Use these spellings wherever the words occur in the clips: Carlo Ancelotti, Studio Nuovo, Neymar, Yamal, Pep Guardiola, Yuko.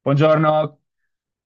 Buongiorno,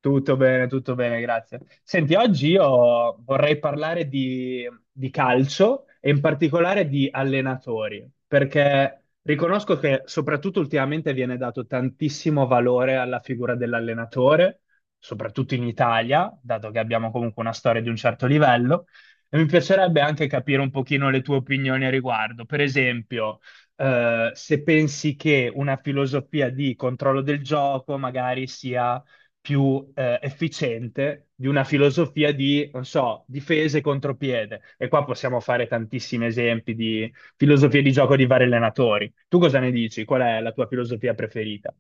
tutto bene, grazie. Senti, oggi io vorrei parlare di calcio e in particolare di allenatori, perché riconosco che soprattutto ultimamente viene dato tantissimo valore alla figura dell'allenatore, soprattutto in Italia, dato che abbiamo comunque una storia di un certo livello, e mi piacerebbe anche capire un pochino le tue opinioni a riguardo. Per esempio se pensi che una filosofia di controllo del gioco magari sia più efficiente di una filosofia di, non so, difesa e contropiede. E qua possiamo fare tantissimi esempi di filosofie di gioco di vari allenatori. Tu cosa ne dici? Qual è la tua filosofia preferita?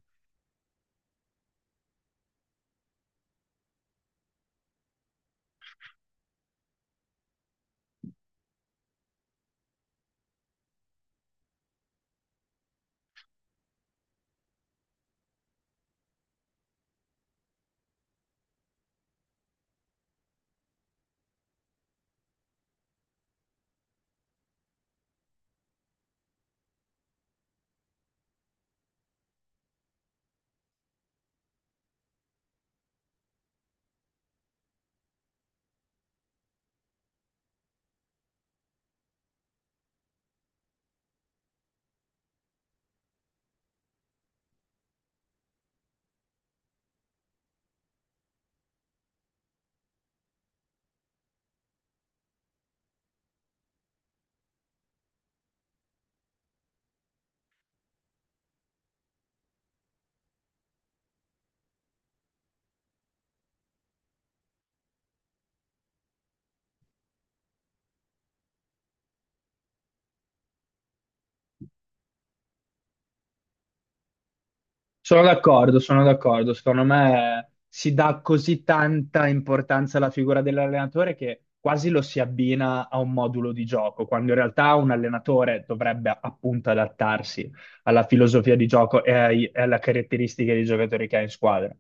Sono d'accordo, sono d'accordo. Secondo me si dà così tanta importanza alla figura dell'allenatore che quasi lo si abbina a un modulo di gioco, quando in realtà un allenatore dovrebbe appunto adattarsi alla filosofia di gioco e e alle caratteristiche dei giocatori che ha in squadra.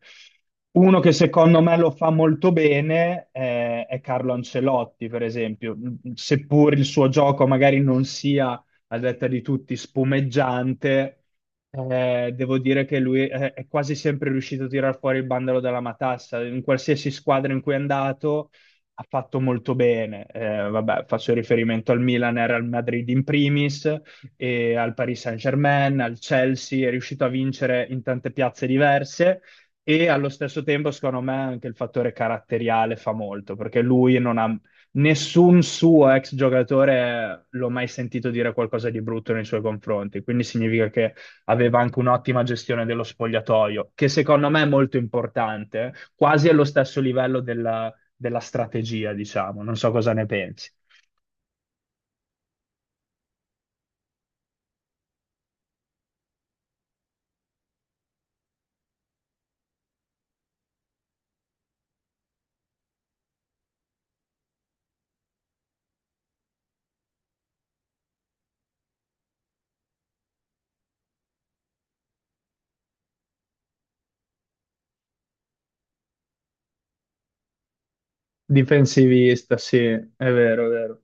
Uno che secondo me lo fa molto bene è Carlo Ancelotti, per esempio, seppur il suo gioco magari non sia, a detta di tutti, spumeggiante devo dire che lui è quasi sempre riuscito a tirar fuori il bandolo dalla matassa. In qualsiasi squadra in cui è andato ha fatto molto bene. Vabbè, faccio riferimento al Milan e al Real Madrid in primis, e al Paris Saint-Germain, al Chelsea, è riuscito a vincere in tante piazze diverse. E allo stesso tempo, secondo me, anche il fattore caratteriale fa molto, perché lui non ha nessun suo ex giocatore l'ho mai sentito dire qualcosa di brutto nei suoi confronti, quindi significa che aveva anche un'ottima gestione dello spogliatoio, che secondo me è molto importante, quasi allo stesso livello della, della strategia, diciamo. Non so cosa ne pensi. Difensivista, sì, è vero, è vero.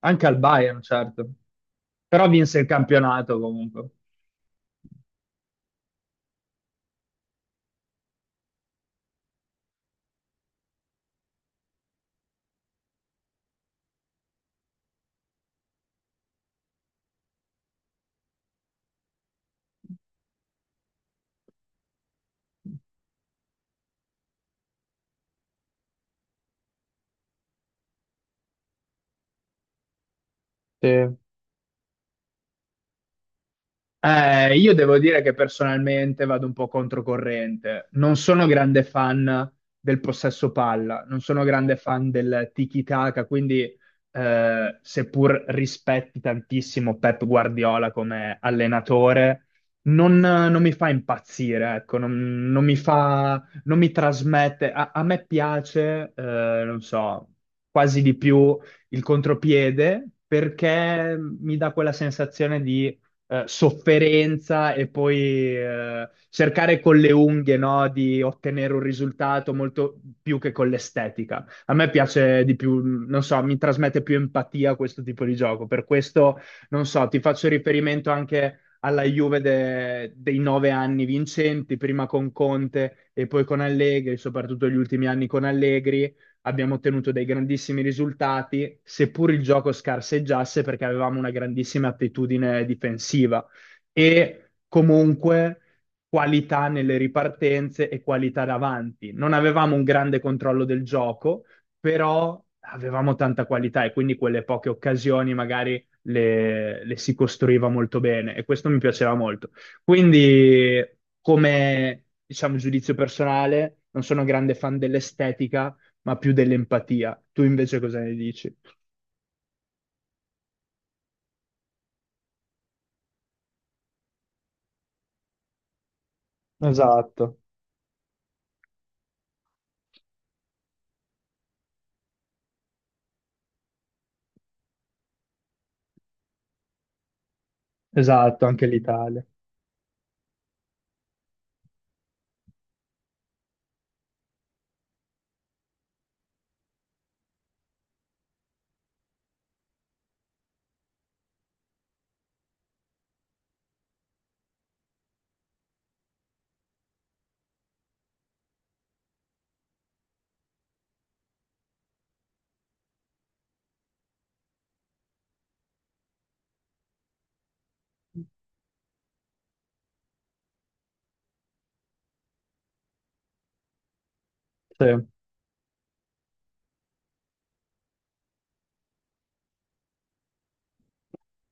Anche al Bayern, certo. Però vinse il campionato comunque. Sì. Io devo dire che personalmente vado un po' controcorrente. Non sono grande fan del possesso palla, non sono grande fan del tiki-taka, quindi seppur rispetti tantissimo Pep Guardiola come allenatore, non mi fa impazzire, ecco, non, non mi fa, non mi trasmette. A, a me piace, non so, quasi di più il contropiede perché mi dà quella sensazione di sofferenza e poi cercare con le unghie, no, di ottenere un risultato molto più che con l'estetica. A me piace di più, non so, mi trasmette più empatia questo tipo di gioco. Per questo, non so, ti faccio riferimento anche alla Juve dei nove anni vincenti, prima con Conte e poi con Allegri, soprattutto gli ultimi anni con Allegri abbiamo ottenuto dei grandissimi risultati, seppur il gioco scarseggiasse perché avevamo una grandissima attitudine difensiva e comunque qualità nelle ripartenze e qualità davanti. Non avevamo un grande controllo del gioco, però avevamo tanta qualità e quindi quelle poche occasioni magari le si costruiva molto bene e questo mi piaceva molto. Quindi, come diciamo giudizio personale, non sono grande fan dell'estetica, ma più dell'empatia. Tu invece cosa ne dici? Esatto, esatto, anche l'Italia. Sì.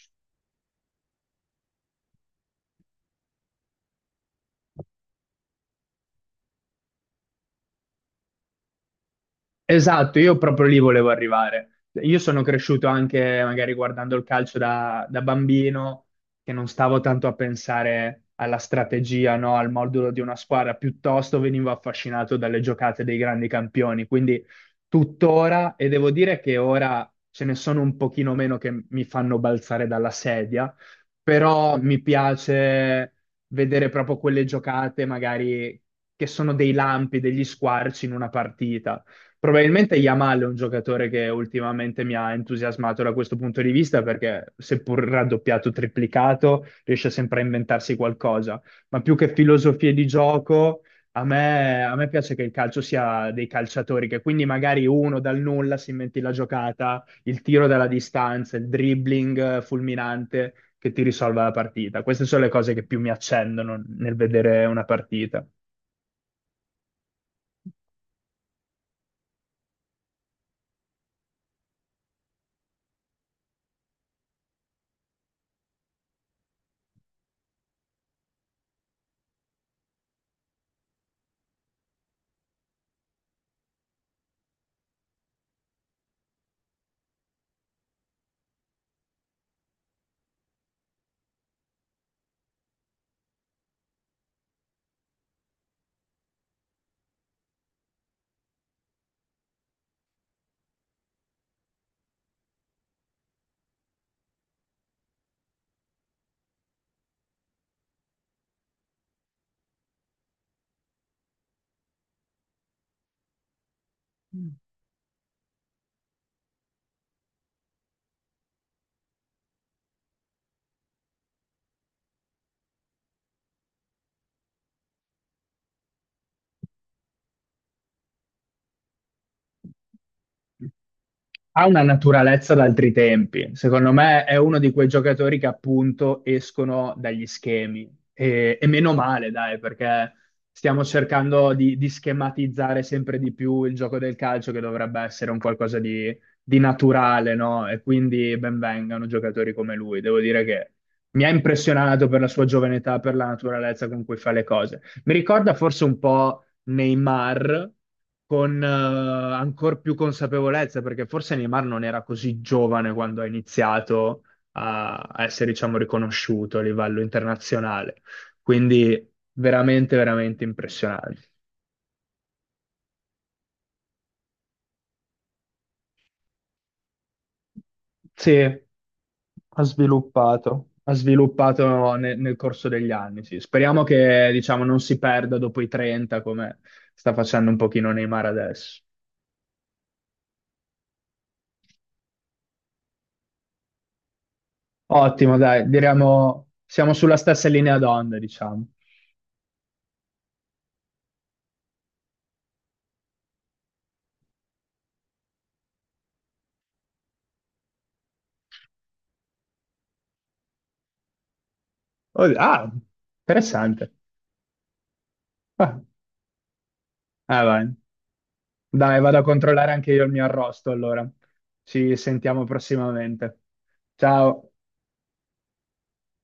Esatto, io proprio lì volevo arrivare. Io sono cresciuto anche magari guardando il calcio da bambino, che non stavo tanto a pensare alla strategia, no? Al modulo di una squadra, piuttosto venivo affascinato dalle giocate dei grandi campioni. Quindi tuttora, e devo dire che ora ce ne sono un pochino meno che mi fanno balzare dalla sedia, però mi piace vedere proprio quelle giocate magari che sono dei lampi, degli squarci in una partita. Probabilmente Yamal è un giocatore che ultimamente mi ha entusiasmato da questo punto di vista perché seppur raddoppiato, o triplicato, riesce sempre a inventarsi qualcosa. Ma più che filosofie di gioco, a me piace che il calcio sia dei calciatori, che quindi magari uno dal nulla si inventi la giocata, il tiro dalla distanza, il dribbling fulminante che ti risolva la partita. Queste sono le cose che più mi accendono nel vedere una partita. Ha una naturalezza d'altri tempi. Secondo me è uno di quei giocatori che appunto escono dagli schemi. E meno male, dai, perché stiamo cercando di schematizzare sempre di più il gioco del calcio, che dovrebbe essere un qualcosa di naturale, no? E quindi benvengano giocatori come lui. Devo dire che mi ha impressionato per la sua giovane età, per la naturalezza con cui fa le cose. Mi ricorda forse un po' Neymar con ancora più consapevolezza, perché forse Neymar non era così giovane quando ha iniziato a essere, diciamo, riconosciuto a livello internazionale. Quindi veramente, veramente impressionante. Sì, ha sviluppato. Ha sviluppato nel corso degli anni, sì. Speriamo che, diciamo, non si perda dopo i 30, come sta facendo un pochino Neymar adesso. Ottimo, dai, diremo, siamo sulla stessa linea d'onda, diciamo. Oh, ah, interessante. Ah, ah, vai. Dai, vado a controllare anche io il mio arrosto allora. Ci sentiamo prossimamente. Ciao.